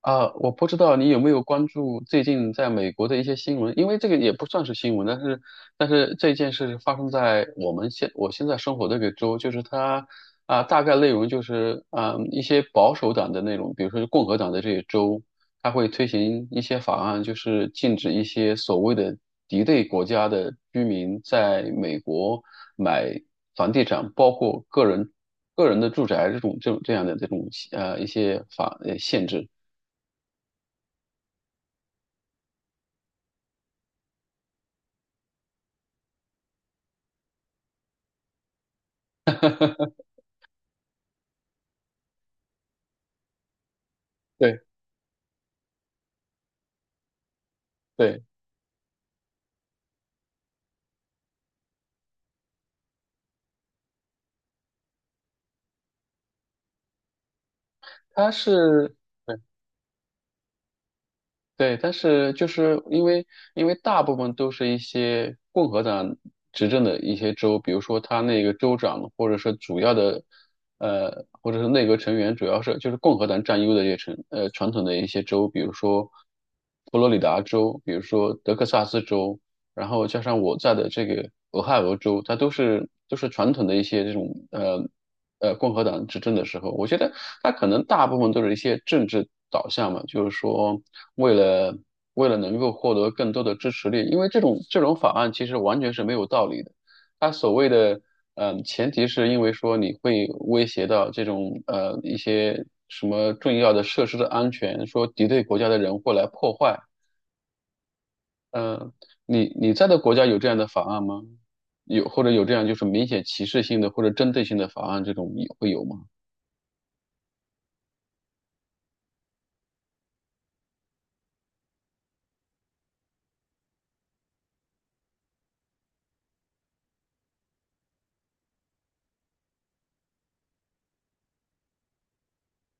啊，我不知道你有没有关注最近在美国的一些新闻，因为这个也不算是新闻，但是这件事发生在我们现在生活的这个州，就是它啊，大概内容就是一些保守党的那种，比如说共和党的这些州，它会推行一些法案，就是禁止一些所谓的敌对国家的居民在美国买房地产，包括个人的住宅这种这种这样的这种一些限制。对。对，它是，对，对，但是就是因为大部分都是一些共和党执政的一些州，比如说他那个州长或者是主要的，呃，或者是内阁成员主要是就是共和党占优的一些城，呃，传统的一些州，比如说佛罗里达州，比如说德克萨斯州，然后加上我在的这个俄亥俄州，它都是传统的一些这种。共和党执政的时候，我觉得他可能大部分都是一些政治导向嘛，就是说为了能够获得更多的支持率，因为这种法案其实完全是没有道理的。他所谓的前提是因为说你会威胁到这种一些什么重要的设施的安全，说敌对国家的人会来破坏。嗯、呃你在的国家有这样的法案吗？有或者有这样就是明显歧视性的或者针对性的法案，这种也会有吗？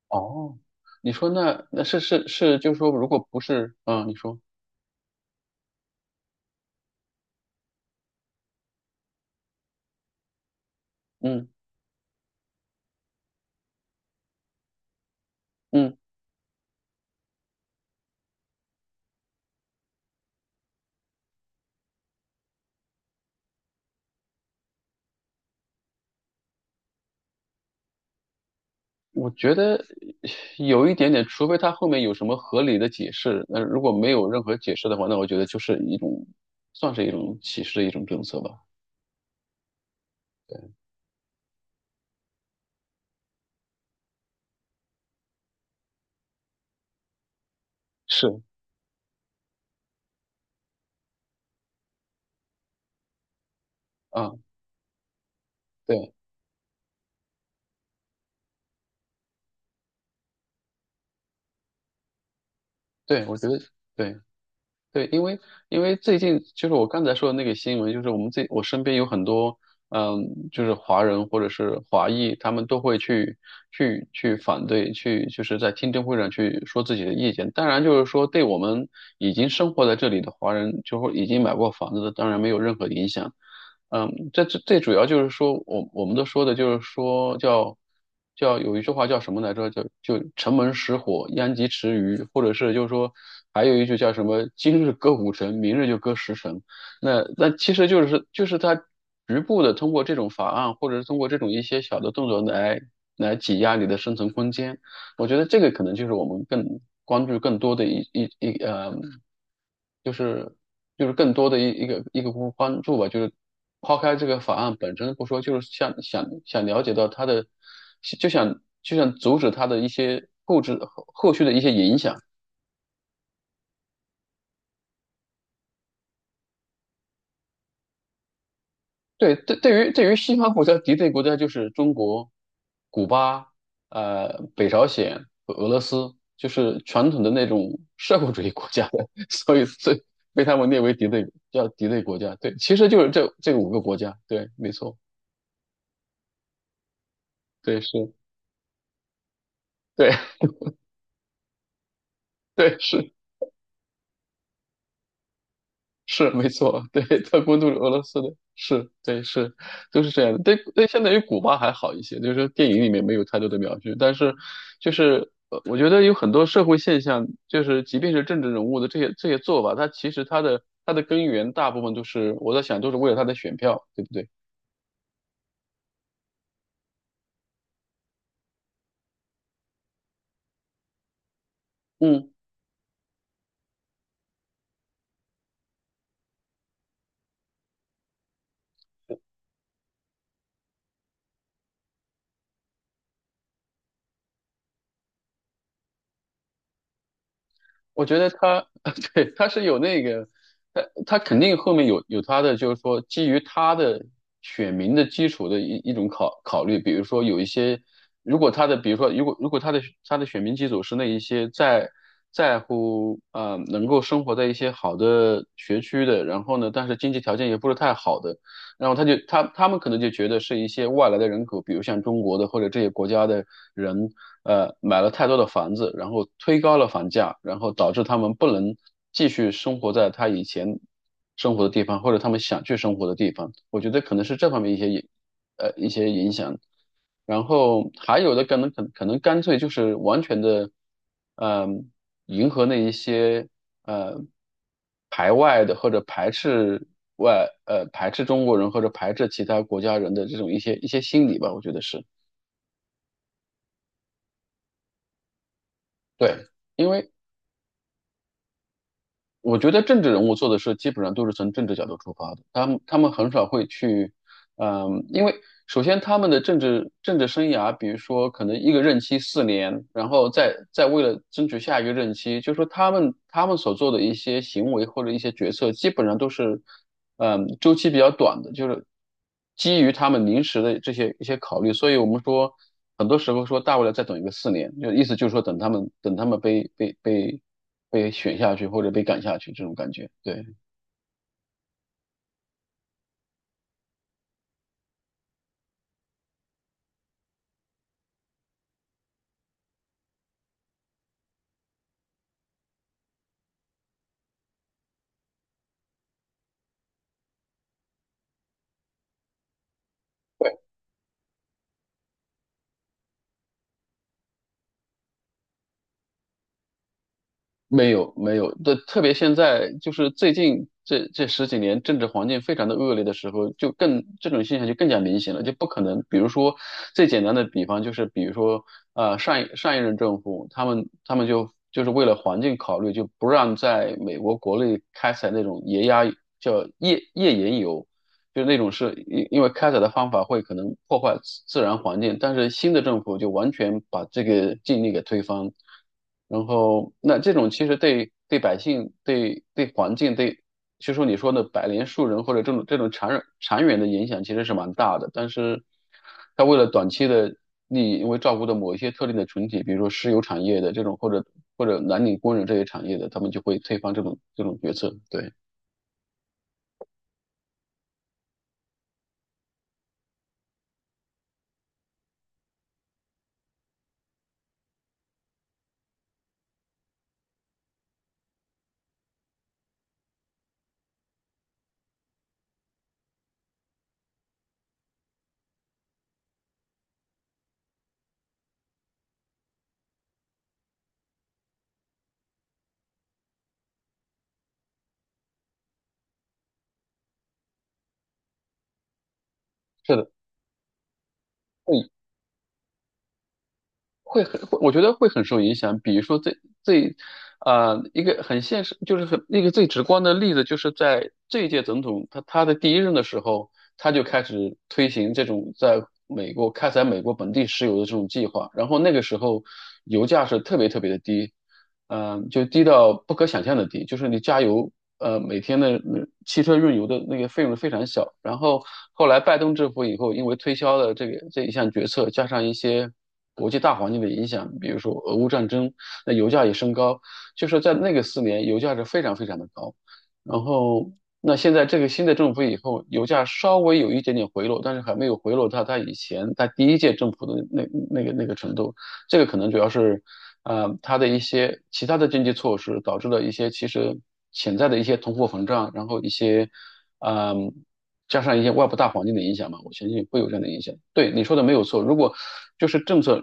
哦，你说那是，就是说，如果不是，你说，嗯嗯，我觉得有一点点，除非他后面有什么合理的解释，那如果没有任何解释的话，那我觉得就是一种，算是一种歧视的一种政策吧。对，是啊，对对，我觉得对。对，因为最近就是我刚才说的那个新闻，就是我们这我身边有很多，嗯，就是华人或者是华裔，他们都会去反对，去就是在听证会上去说自己的意见。当然，就是说对我们已经生活在这里的华人，就会已经买过房子的，当然没有任何影响。嗯，这最主要就是说，我们都说的就是说叫有一句话叫什么来着？叫就城门失火，殃及池鱼，或者是就是说还有一句叫什么？今日割五城，明日就割十城。那其实就是它局部的通过这种法案，或者是通过这种一些小的动作来挤压你的生存空间。我觉得这个可能就是我们更关注更多的一一一呃，就是更多的一个一个关注吧，就是抛开这个法案本身不说，就是想了解到它的，就想阻止它的一些后置后后续的一些影响。对，对，对于西方国家敌对国家就是中国、古巴、北朝鲜和俄罗斯，就是传统的那种社会主义国家的，所以被他们列为敌对，叫敌对国家。对，其实就是这五个国家。对，没错，对，是，对 对，是。是没错，对，他都是俄罗斯的，是，对，是，都是这样的。对，对，相对于古巴还好一些，就是说电影里面没有太多的描述，但是就是我觉得有很多社会现象，就是即便是政治人物的这些做法，他其实他的根源大部分都是我在想，都是为了他的选票，对不对？嗯。我觉得他，对，他是有那个，他肯定后面有他的，就是说基于他的选民的基础的一种考虑，比如说有一些，如果他的，比如说如果他的选民基础是那一些在乎能够生活在一些好的学区的，然后呢，但是经济条件也不是太好的，然后他们可能就觉得是一些外来的人口，比如像中国的或者这些国家的人，呃，买了太多的房子，然后推高了房价，然后导致他们不能继续生活在他以前生活的地方，或者他们想去生活的地方。我觉得可能是这方面一些一些影响。然后还有的可能可能干脆就是完全的，嗯、迎合那一些呃排外的或者排斥中国人或者排斥其他国家人的这种一些心理吧，我觉得是对。因为。我觉得政治人物做的事基本上都是从政治角度出发的，他们很少会去，嗯，因为首先他们的政治生涯，比如说可能一个任期四年，然后再为了争取下一个任期，就是说他们所做的一些行为或者一些决策，基本上都是，周期比较短的，就是基于他们临时的这些一些考虑，所以我们说很多时候说大不了再等一个四年，就意思就是说等他们被选下去或者被赶下去这种感觉。对，对没有没有，对，特别现在就是最近这十几年政治环境非常的恶劣的时候，就更这种现象就更加明显了，就不可能。比如说最简单的比方就是，比如说上一任政府他们就是为了环境考虑，就不让在美国国内开采那种叫页岩油。就那种是因为开采的方法会可能破坏自然环境，但是新的政府就完全把这个禁令给推翻，然后那这种其实对百姓、对环境、对就说你说的百年树人或者这种长远的影响其实是蛮大的，但是他为了短期的利益，因为照顾的某一些特定的群体，比如说石油产业的这种或者蓝领工人这些产业的，他们就会推翻这种决策，对。是的，会会很，会我觉得会很受影响。比如说最最，呃，一个很现实，就是很一个最直观的例子，就是在这一届总统他的第一任的时候，他就开始推行这种在美国开采美国本地石油的这种计划。然后那个时候油价是特别特别的低，就低到不可想象的低，就是你加油。每天的汽车运油的那个费用非常小。然后后来拜登政府以后，因为推销了这一项决策，加上一些国际大环境的影响，比如说俄乌战争，那油价也升高，就是在那个四年，油价是非常非常的高。然后，那现在这个新的政府以后，油价稍微有一点点回落，但是还没有回落到它以前在第一届政府的那个程度。这个可能主要是，呃，它的一些其他的经济措施导致了一些其实潜在的一些通货膨胀，然后一些，嗯、加上一些外部大环境的影响嘛，我相信会有这样的影响。对你说的没有错，如果就是政策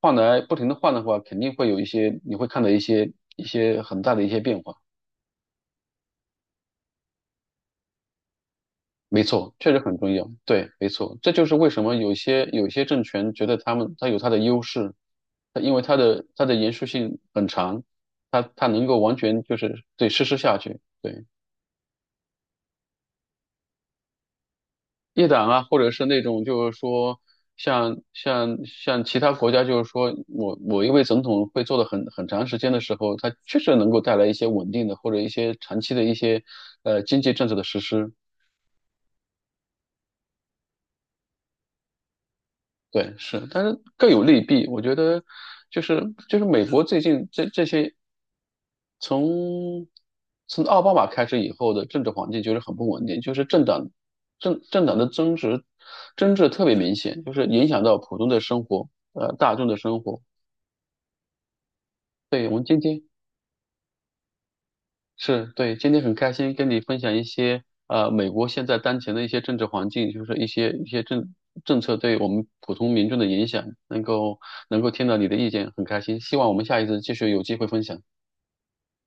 换来不停的换的话，肯定会有一些你会看到一些很大的一些变化。没错，确实很重要。对，没错，这就是为什么有些政权觉得他有他的优势，它因为它的延续性很长，它能够完全就是对实施下去。对，一党啊，或者是那种就是说像其他国家，就是说某某一位总统会做的很长时间的时候，他确实能够带来一些稳定的或者一些长期的一些经济政策的实施。对，是，但是各有利弊。我觉得，就是美国最近这些从从奥巴马开始以后的政治环境就是很不稳定，就是政党的争执特别明显，就是影响到普通的生活，大众的生活。是对，今天很开心跟你分享一些美国现在当前的一些政治环境，就是一些政策对我们普通民众的影响，能够听到你的意见，很开心。希望我们下一次继续有机会分享。